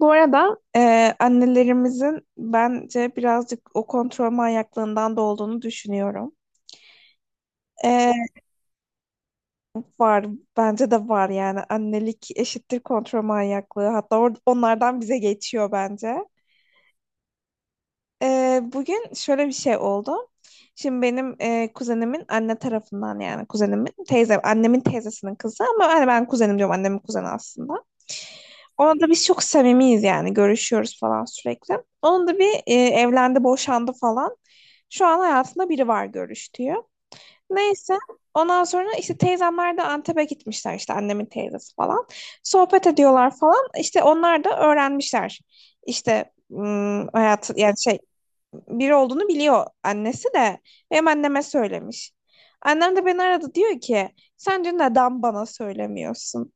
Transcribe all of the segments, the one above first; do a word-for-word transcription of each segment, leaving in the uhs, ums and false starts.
Bu arada e, annelerimizin bence birazcık o kontrol manyaklığından da olduğunu düşünüyorum. E, Var, bence de var yani annelik eşittir kontrol manyaklığı. Hatta or- onlardan bize geçiyor bence. E, bugün şöyle bir şey oldu. Şimdi benim e, kuzenimin anne tarafından yani kuzenimin teyze, annemin teyzesinin kızı ama hani ben kuzenim diyorum annemin kuzeni aslında. Ona da biz çok samimiyiz yani görüşüyoruz falan sürekli. Onun da bir e, evlendi, boşandı falan. Şu an hayatında biri var görüştüğü. Neyse ondan sonra işte teyzemler de Antep'e gitmişler işte annemin teyzesi falan. Sohbet ediyorlar falan. İşte onlar da öğrenmişler. İşte hmm, hayat yani şey biri olduğunu biliyor annesi de. Hem anneme söylemiş. Annem de beni aradı diyor ki sen dün neden bana söylemiyorsun?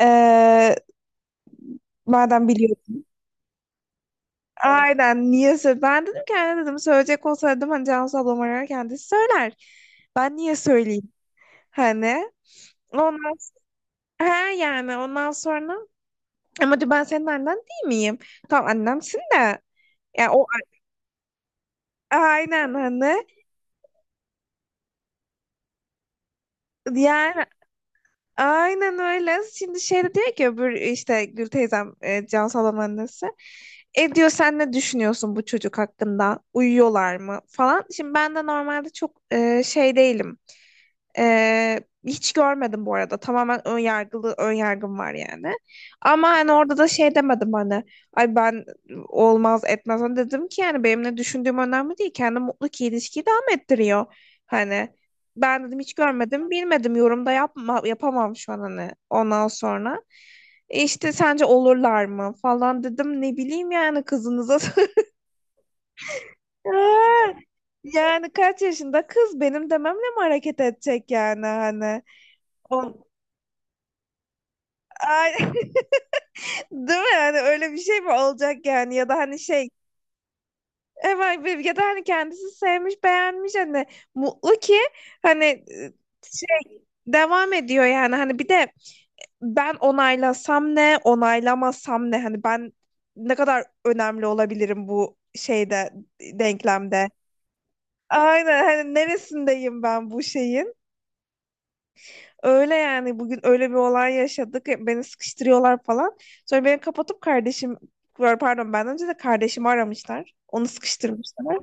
Ee, Madem biliyorsun. Aynen niye söyle? Ben dedim ki anne dedim söyleyecek olsaydım hani Cansu ablam ararken kendisi söyler. Ben niye söyleyeyim? Hani ondan s- ha yani ondan sonra ama diyor ben senin annen değil miyim? Tamam annemsin de. Ya o aynen hani yani aynen öyle. Şimdi şey de diyor ki öbür işte Gül teyzem e, Can Salam annesi. E diyor sen ne düşünüyorsun bu çocuk hakkında? Uyuyorlar mı falan. Şimdi ben de normalde çok e, şey değilim. E, Hiç görmedim bu arada. Tamamen ön yargılı ön yargım var yani. Ama hani orada da şey demedim hani ay ben olmaz etmez hani dedim ki yani benim ne düşündüğüm önemli değil. Kendi mutlu ki ilişkiyi devam ettiriyor. Hani ben dedim hiç görmedim, bilmedim. Yorumda yapma, yapamam şu an hani ondan sonra. E işte sence olurlar mı falan dedim. Ne bileyim yani kızınıza. Yani kaç yaşında kız benim dememle mi hareket edecek yani hani. On, Ay, değil mi? Yani öyle bir şey mi olacak yani ya da hani şey evet bir- ya da hani kendisi sevmiş beğenmiş hani mutlu ki hani e, şey devam ediyor yani hani bir de ben onaylasam ne, onaylamasam ne? Hani ben ne kadar önemli olabilirim bu şeyde, denklemde. Aynen hani neresindeyim ben bu şeyin? Öyle yani bugün öyle bir olay yaşadık. Beni sıkıştırıyorlar falan. Sonra beni kapatıp kardeşim pardon ben önce de kardeşimi aramışlar. Onu sıkıştırmışlar.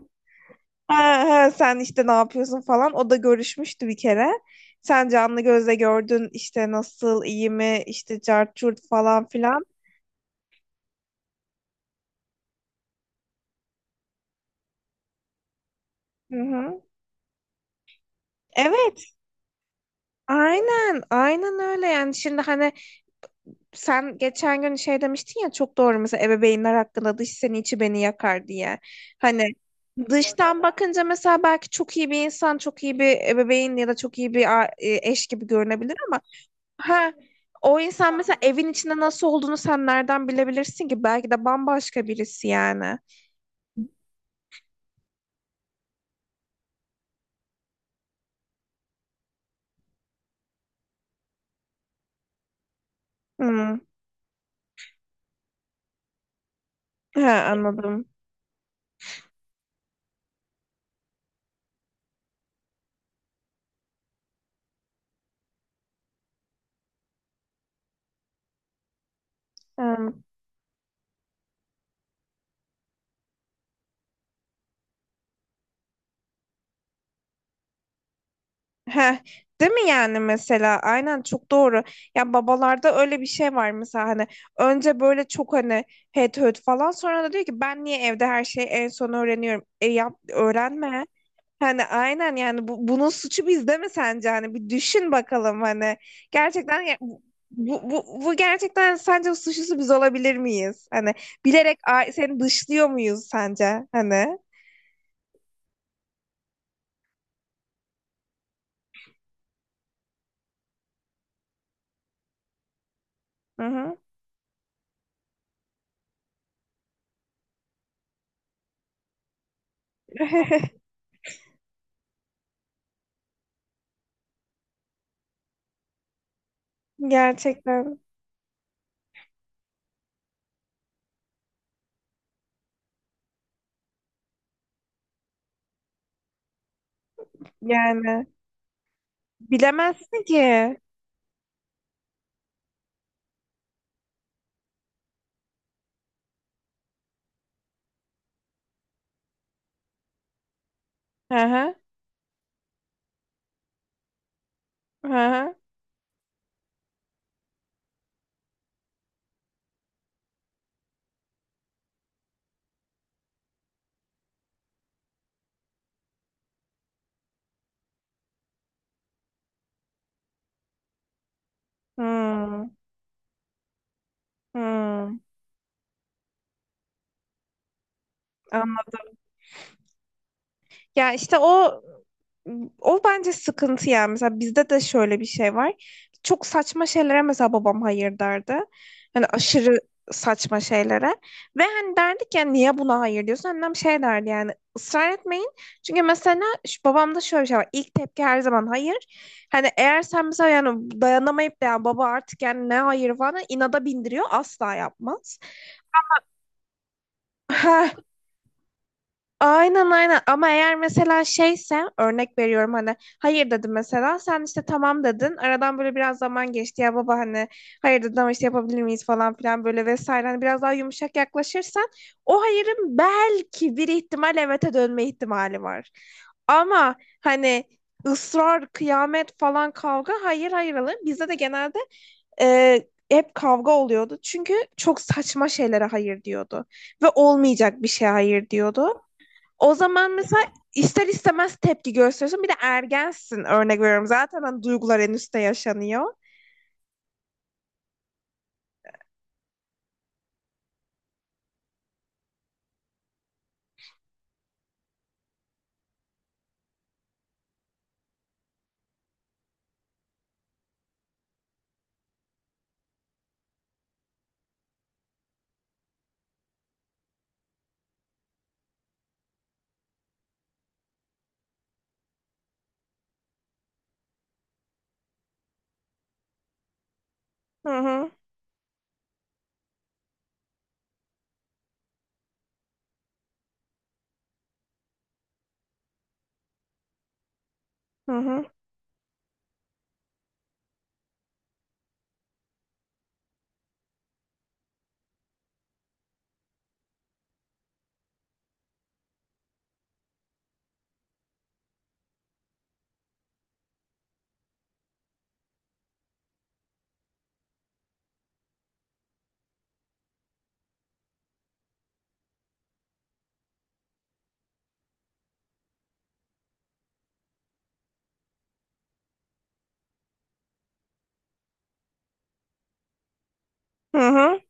Ha, ha, sen işte ne yapıyorsun falan. O da görüşmüştü bir kere. Sen canlı gözle gördün işte nasıl iyi mi işte cart curt falan filan. Hı hı. Evet, aynen, aynen öyle yani şimdi hani sen geçen gün şey demiştin ya çok doğru mesela ebeveynler hakkında dış seni içi beni yakar diye. Hani dıştan bakınca mesela belki çok iyi bir insan, çok iyi bir ebeveyn ya da çok iyi bir a- e, eş gibi görünebilir ama ha o insan mesela evin içinde nasıl olduğunu sen nereden bilebilirsin ki? Belki de bambaşka birisi yani. Hmm. Ha, anladım. Heh, değil mi yani mesela aynen çok doğru. Ya babalarda öyle bir şey var mesela hani önce böyle çok hani het höt falan sonra da diyor ki ben niye evde her şeyi en son öğreniyorum. E yap öğrenme. Hani aynen yani bu, bunun suçu bizde mi sence hani bir düşün bakalım hani gerçekten ya- bu, bu, bu gerçekten sence suçlusu biz olabilir miyiz? Hani bilerek a- seni dışlıyor muyuz sence hani? Hı hı. Gerçekten yani. Bilemezsin ki. Hı hı. Hı hı. Hmm, hmm. Ya işte o o bence sıkıntı yani. Mesela bizde de şöyle bir şey var. Çok saçma şeylere mesela babam hayır derdi. Hani aşırı saçma şeylere. Ve hani derdik ya niye buna hayır diyorsun? Annem şey derdi yani ısrar etmeyin. Çünkü mesela şu, babamda şöyle bir şey var. İlk tepki her zaman hayır. Hani eğer sen mesela yani dayanamayıp da yani baba artık yani ne hayır falan inada bindiriyor asla yapmaz. Aynen aynen ama eğer mesela şeyse örnek veriyorum hani hayır dedim mesela sen işte tamam dedin aradan böyle biraz zaman geçti ya baba hani hayır dedim ama işte yapabilir miyiz falan filan böyle vesaire hani biraz daha yumuşak yaklaşırsan o hayırın belki bir ihtimal evete dönme ihtimali var. Ama hani ısrar kıyamet falan kavga hayır hayır alır bizde de genelde e, hep kavga oluyordu çünkü çok saçma şeylere hayır diyordu ve olmayacak bir şey hayır diyordu. O zaman mesela ister istemez tepki gösteriyorsun. Bir de ergensin örnek veriyorum. Zaten hani duygular en üstte yaşanıyor. Hı hı hı hı hı hı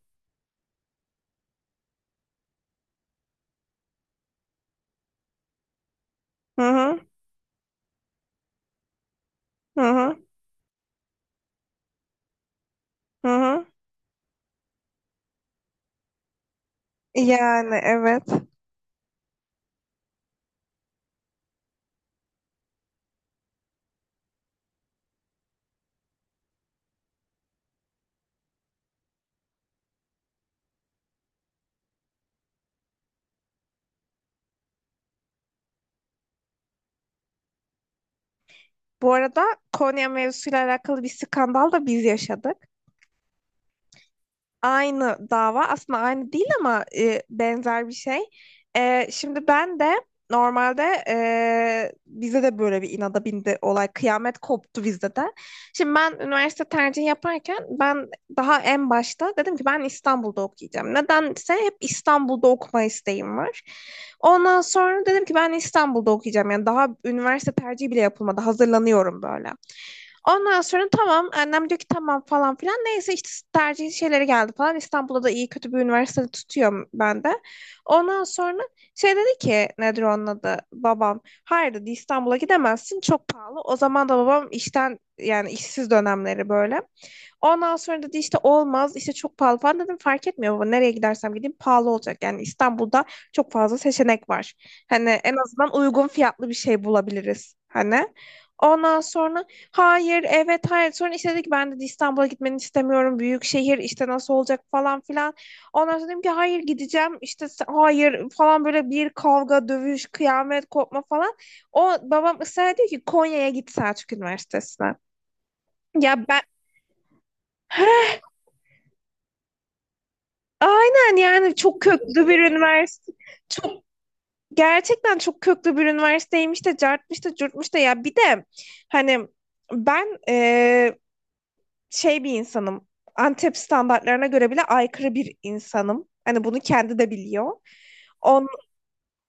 hı hı hı hı. Yani evet. Bu arada Konya mevzusuyla alakalı bir skandal da biz yaşadık. Aynı dava aslında aynı değil ama e, benzer bir şey. E, şimdi ben de normalde e, bize de böyle bir inada bindi olay. Kıyamet koptu bizde de. Şimdi ben üniversite tercihi yaparken ben daha en başta dedim ki ben İstanbul'da okuyacağım. Nedense hep İstanbul'da okuma isteğim var. Ondan sonra dedim ki ben İstanbul'da okuyacağım. Yani daha üniversite tercihi bile yapılmadı. Hazırlanıyorum böyle. Ondan sonra tamam annem diyor ki tamam falan filan. Neyse işte tercih şeyleri geldi falan. İstanbul'da da iyi kötü bir üniversitede tutuyorum ben de. Ondan sonra şey dedi ki nedir onun adı babam. Hayır dedi İstanbul'a gidemezsin çok pahalı. O zaman da babam işten yani işsiz dönemleri böyle. Ondan sonra dedi işte olmaz işte çok pahalı falan dedim fark etmiyor baba nereye gidersem gideyim pahalı olacak. Yani İstanbul'da çok fazla seçenek var. Hani en azından uygun fiyatlı bir şey bulabiliriz. Hani ondan sonra hayır, evet, hayır. Sonra işte dedi ki ben dedi İstanbul'a gitmeni istemiyorum. Büyük şehir işte nasıl olacak falan filan. Ondan sonra dedim ki hayır gideceğim. İşte s- hayır falan böyle bir kavga, dövüş, kıyamet kopma falan. O babam ısrar ediyor ki Konya'ya git Selçuk Üniversitesi'ne. Ya ben aynen yani çok köklü bir üniversite. Çok gerçekten çok köklü bir üniversiteymiş de cartmış da curtmuş da ya bir de hani ben şey bir insanım. Antep standartlarına göre bile aykırı bir insanım. Hani bunu kendi de biliyor. On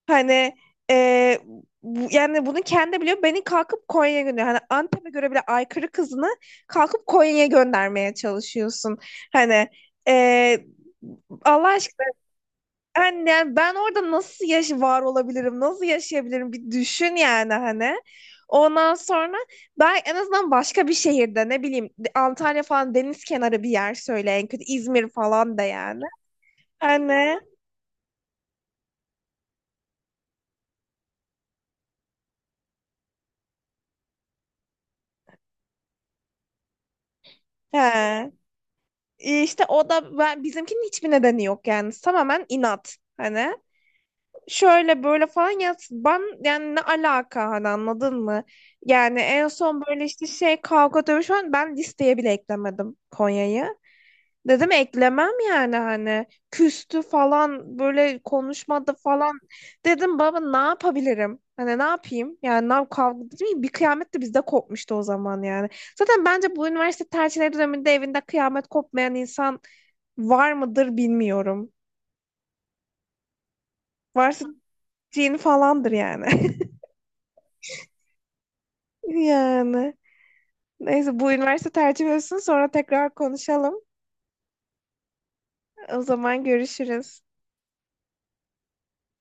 Hani e, bu- yani bunu kendi biliyor. Beni kalkıp Konya'ya gönderiyor. Hani Antep'e göre bile aykırı kızını kalkıp Konya'ya göndermeye çalışıyorsun. Hani e, Allah aşkına yani, yani, ben orada nasıl yaş var olabilirim, nasıl yaşayabilirim bir düşün yani hani. Ondan sonra ben en azından başka bir şehirde ne bileyim Antalya falan deniz kenarı bir yer söyle en kötü İzmir falan da yani. Hani he. İşte o da ben, bizimkinin hiçbir nedeni yok yani tamamen inat hani. Şöyle böyle falan ya ben yani ne alaka hani anladın mı? Yani en son böyle işte şey kavga dövüş falan ben listeye bile eklemedim Konya'yı. Dedim eklemem yani hani küstü falan böyle konuşmadı falan. Dedim baba ne yapabilirim? Hani ne yapayım? Yani ne yap- kavga değil mi? Bir kıyamet de bizde kopmuştu o zaman yani. Zaten bence bu üniversite tercihleri döneminde evinde kıyamet kopmayan insan var mıdır bilmiyorum. Varsa cin falandır yani. Yani. Neyse bu üniversite tercih olsun sonra tekrar konuşalım. O zaman görüşürüz.